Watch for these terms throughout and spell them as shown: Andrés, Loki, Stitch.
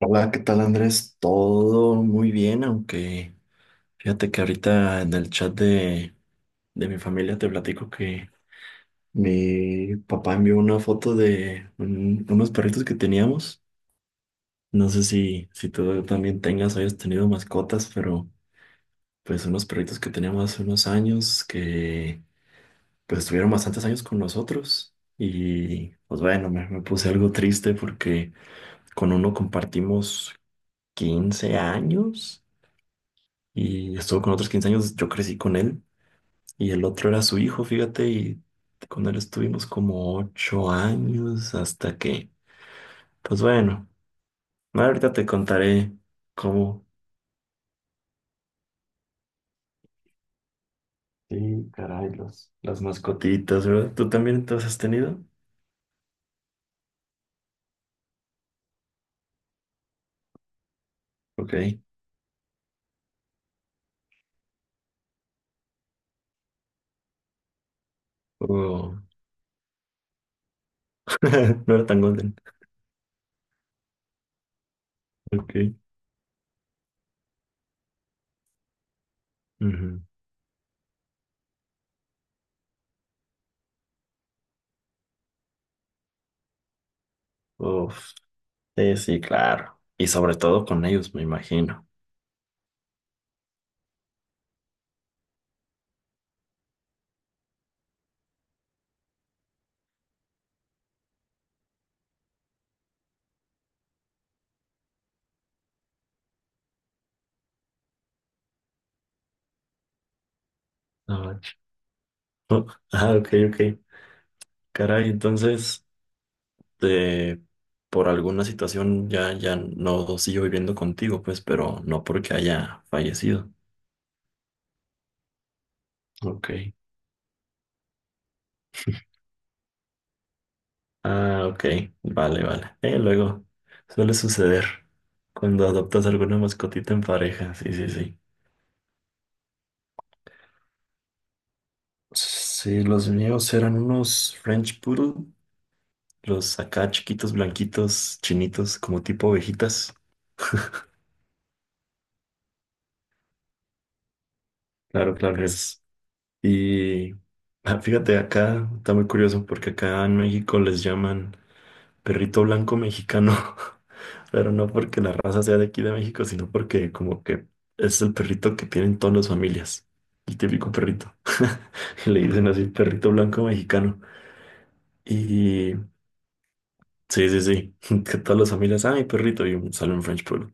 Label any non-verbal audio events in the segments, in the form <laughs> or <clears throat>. Hola, ¿qué tal Andrés? Todo muy bien, aunque fíjate que ahorita en el chat de mi familia te platico que mi papá envió una foto de unos perritos que teníamos. No sé si tú también tengas o hayas tenido mascotas, pero pues unos perritos que teníamos hace unos años que pues estuvieron bastantes años con nosotros. Y pues bueno, me puse algo triste porque con uno compartimos 15 años. Y estuvo con otros 15 años, yo crecí con él y el otro era su hijo, fíjate, y con él estuvimos como 8 años hasta que, pues bueno, ahorita te contaré cómo. Sí, caray, las mascotitas, ¿verdad? ¿Tú también te las has tenido? Ok. Oh, <laughs> no era tan golden. Ok. Ujú. Uf. Sí, sí, claro. Y sobre todo con ellos, me imagino. Ah, ch- <laughs> Ah, ok, ok. Caray, entonces... eh, por alguna situación ya no sigo viviendo contigo, pues, pero no porque haya fallecido. Ok. Ah, ok. Vale, vale. Luego suele suceder cuando adoptas alguna mascotita en pareja. Sí, sí, sí. Sí, los míos eran unos French Poodle, los acá chiquitos, blanquitos, chinitos, como tipo ovejitas. Claro, claro, es. Y ah, fíjate, acá está muy curioso porque acá en México les llaman perrito blanco mexicano, <laughs> pero no porque la raza sea de aquí de México, sino porque como que es el perrito que tienen todas las familias, el típico perrito. <laughs> Y le dicen así, perrito blanco mexicano. Y sí, sí, sí, <laughs> que todas las familias, ah, mi perrito, y sale un French Poodle.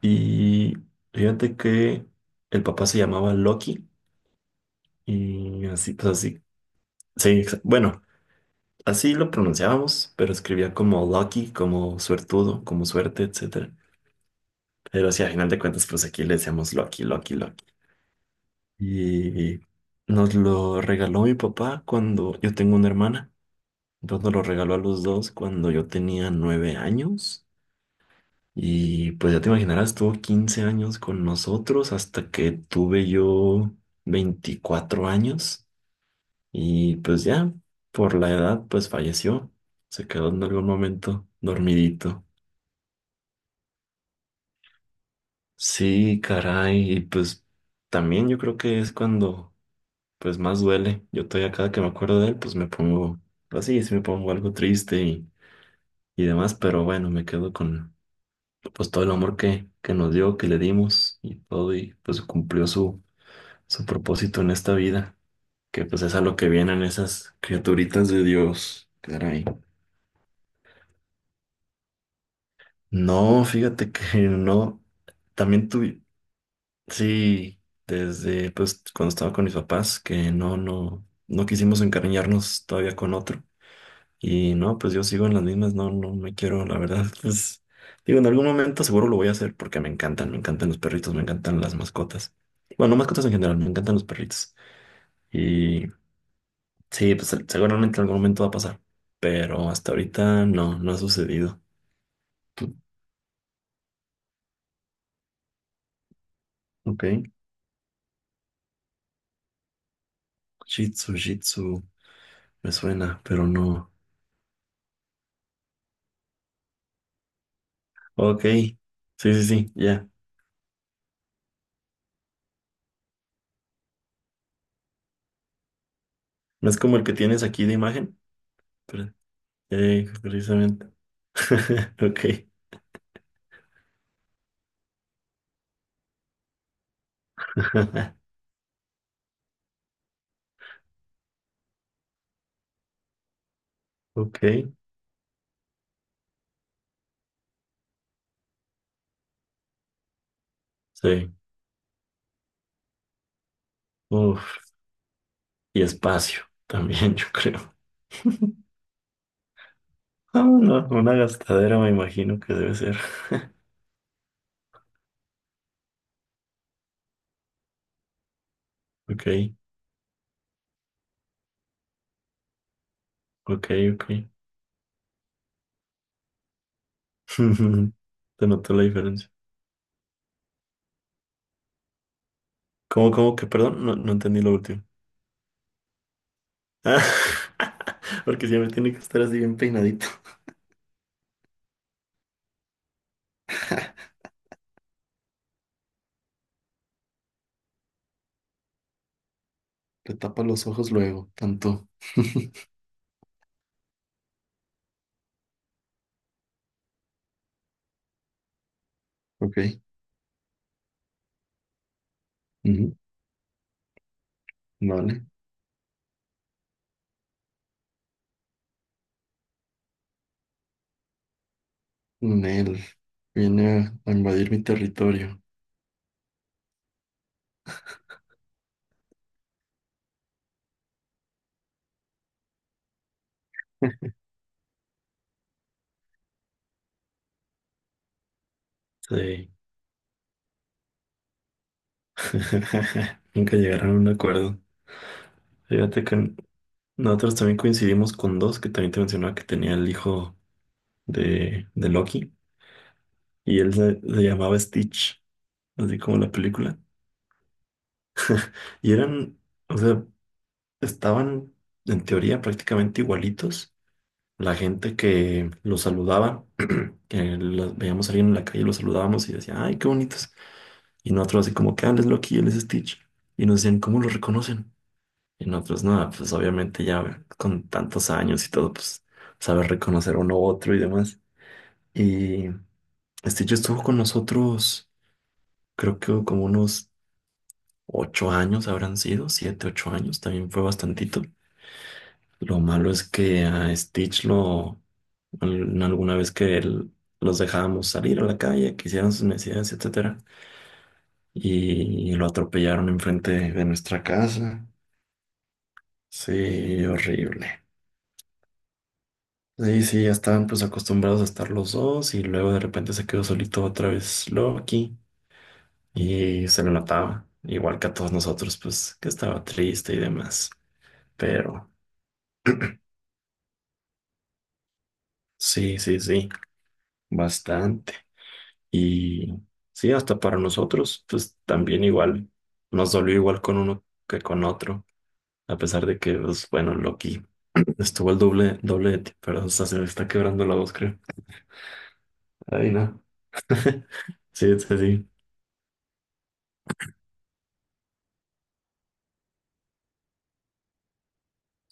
Y fíjate que el papá se llamaba Loki y así, pues así. Sí, bueno, así lo pronunciábamos, pero escribía como Lucky, como suertudo, como suerte, etc. Pero sí, a final de cuentas, pues aquí le decíamos Loki, Loki, Loki. Y nos lo regaló mi papá cuando yo tengo una hermana. Entonces nos lo regaló a los dos cuando yo tenía 9 años. Y pues ya te imaginarás, tuvo 15 años con nosotros hasta que tuve yo 24 años. Y pues ya, por la edad, pues falleció. Se quedó en algún momento dormidito. Sí, caray. Y pues también yo creo que es cuando pues más duele. Yo todavía cada que me acuerdo de él, pues me pongo así, sí me pongo algo triste y demás, pero bueno, me quedo con pues todo el amor que nos dio, que le dimos y todo, y pues cumplió su, su propósito en esta vida, que pues es a lo que vienen esas criaturitas de Dios. Caray. No, fíjate que <laughs> no, también tuve, sí, desde pues cuando estaba con mis papás, que no quisimos encariñarnos todavía con otro. Y no, pues yo sigo en las mismas, no me quiero, la verdad, <laughs> pues digo, en algún momento seguro lo voy a hacer porque me encantan los perritos, me encantan las mascotas. Bueno, no mascotas en general, me encantan los perritos. Y sí, pues seguramente en algún momento va a pasar, pero hasta ahorita no, no ha sucedido. Ok, Shih Tzu, Shih Tzu, me suena, pero no. Ok, sí, sí, sí, ya. No es como el que tienes aquí de imagen, pero, precisamente. <laughs> Ok, ok, sí. Uf. Y espacio también, <laughs> yo creo. Ah, no, una gastadera me imagino que debe ser. Ok, ok, ok. <laughs> Te noté la diferencia. ¿Cómo que, perdón? No, no entendí lo último. Ah, <laughs> porque siempre tiene que estar así bien peinadito. Te tapa los ojos luego, tanto. <laughs> Ok, ujú, vale. Nel viene a invadir mi territorio. Sí. <laughs> Nunca llegaron a un acuerdo. Fíjate que nosotros también coincidimos con dos, que también te mencionaba que tenía el hijo de Loki, y él se llamaba Stitch, así como la película. Y eran, o sea, estaban en teoría prácticamente igualitos. La gente que los saludaba, <clears throat> que los veíamos salir en la calle, los saludábamos y decían, ay, qué bonitos. Y nosotros así como, que "Ah, él es Loki, él es Stitch". Y nos decían, ¿cómo lo reconocen? Y nosotros, nada, pues obviamente ya con tantos años y todo, pues saber reconocer uno u otro y demás. Y este yo estuvo con nosotros, creo que como unos 8 años habrán sido, siete, 8 años, también fue bastantito. Lo malo es que a alguna vez que los dejábamos salir a la calle, que hicieran sus necesidades, etcétera, y lo atropellaron enfrente de nuestra casa. Sí, horrible. Sí, sí, ya estaban pues acostumbrados a estar los dos y luego de repente se quedó solito otra vez Loki. Y se lo notaba, igual que a todos nosotros, pues que estaba triste y demás. Pero sí, sí, sí, bastante. Y sí, hasta para nosotros, pues también igual, nos dolió igual con uno que con otro, a pesar de que, pues bueno, Loki estuvo el doble de ti, pero hasta se me está quebrando la voz, creo. Ay, no. <laughs> Sí, sí, sí.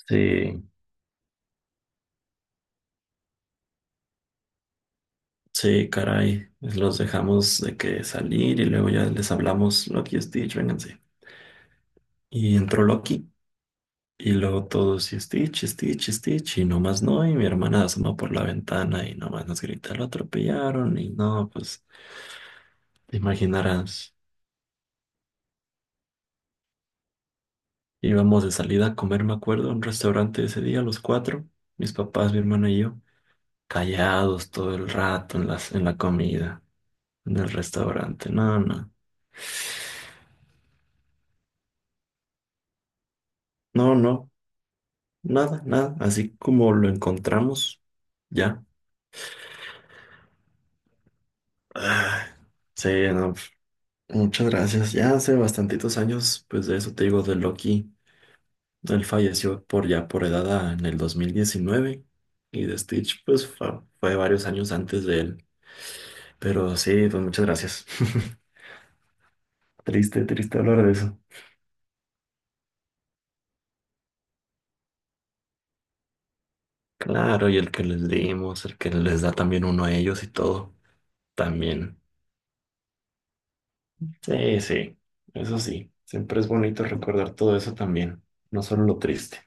Sí, sí, caray. Los dejamos de que salir y luego ya les hablamos, Loki y Stitch, vénganse. Y entró Loki y luego todos y Stitch, Stitch, Stitch y no más no. Y mi hermana asoma por la ventana y nomás nos grita, lo atropellaron y no, pues te imaginarás. Íbamos de salida a comer, me acuerdo, a un restaurante ese día, los cuatro, mis papás, mi hermana y yo, callados todo el rato en en la comida, en el restaurante. No, no, no, no, nada, nada. Así como lo encontramos, ya. Ah, sí, no. Muchas gracias. Ya hace bastantitos años, pues de eso te digo, de Loki. Él falleció por ya por edad en el 2019 y de Stitch, pues fue, varios años antes de él. Pero sí, pues muchas gracias. <laughs> Triste, triste hablar de eso. Claro, y el que les dimos, el que les da también uno a ellos y todo, también. Sí, sí, eso sí. Siempre es bonito recordar todo eso también, no solo lo triste.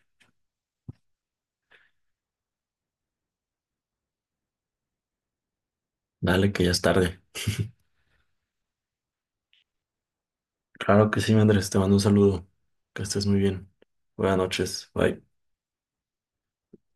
Dale, que ya es tarde. Claro que sí, Andrés, te mando un saludo. Que estés muy bien. Buenas noches. Bye.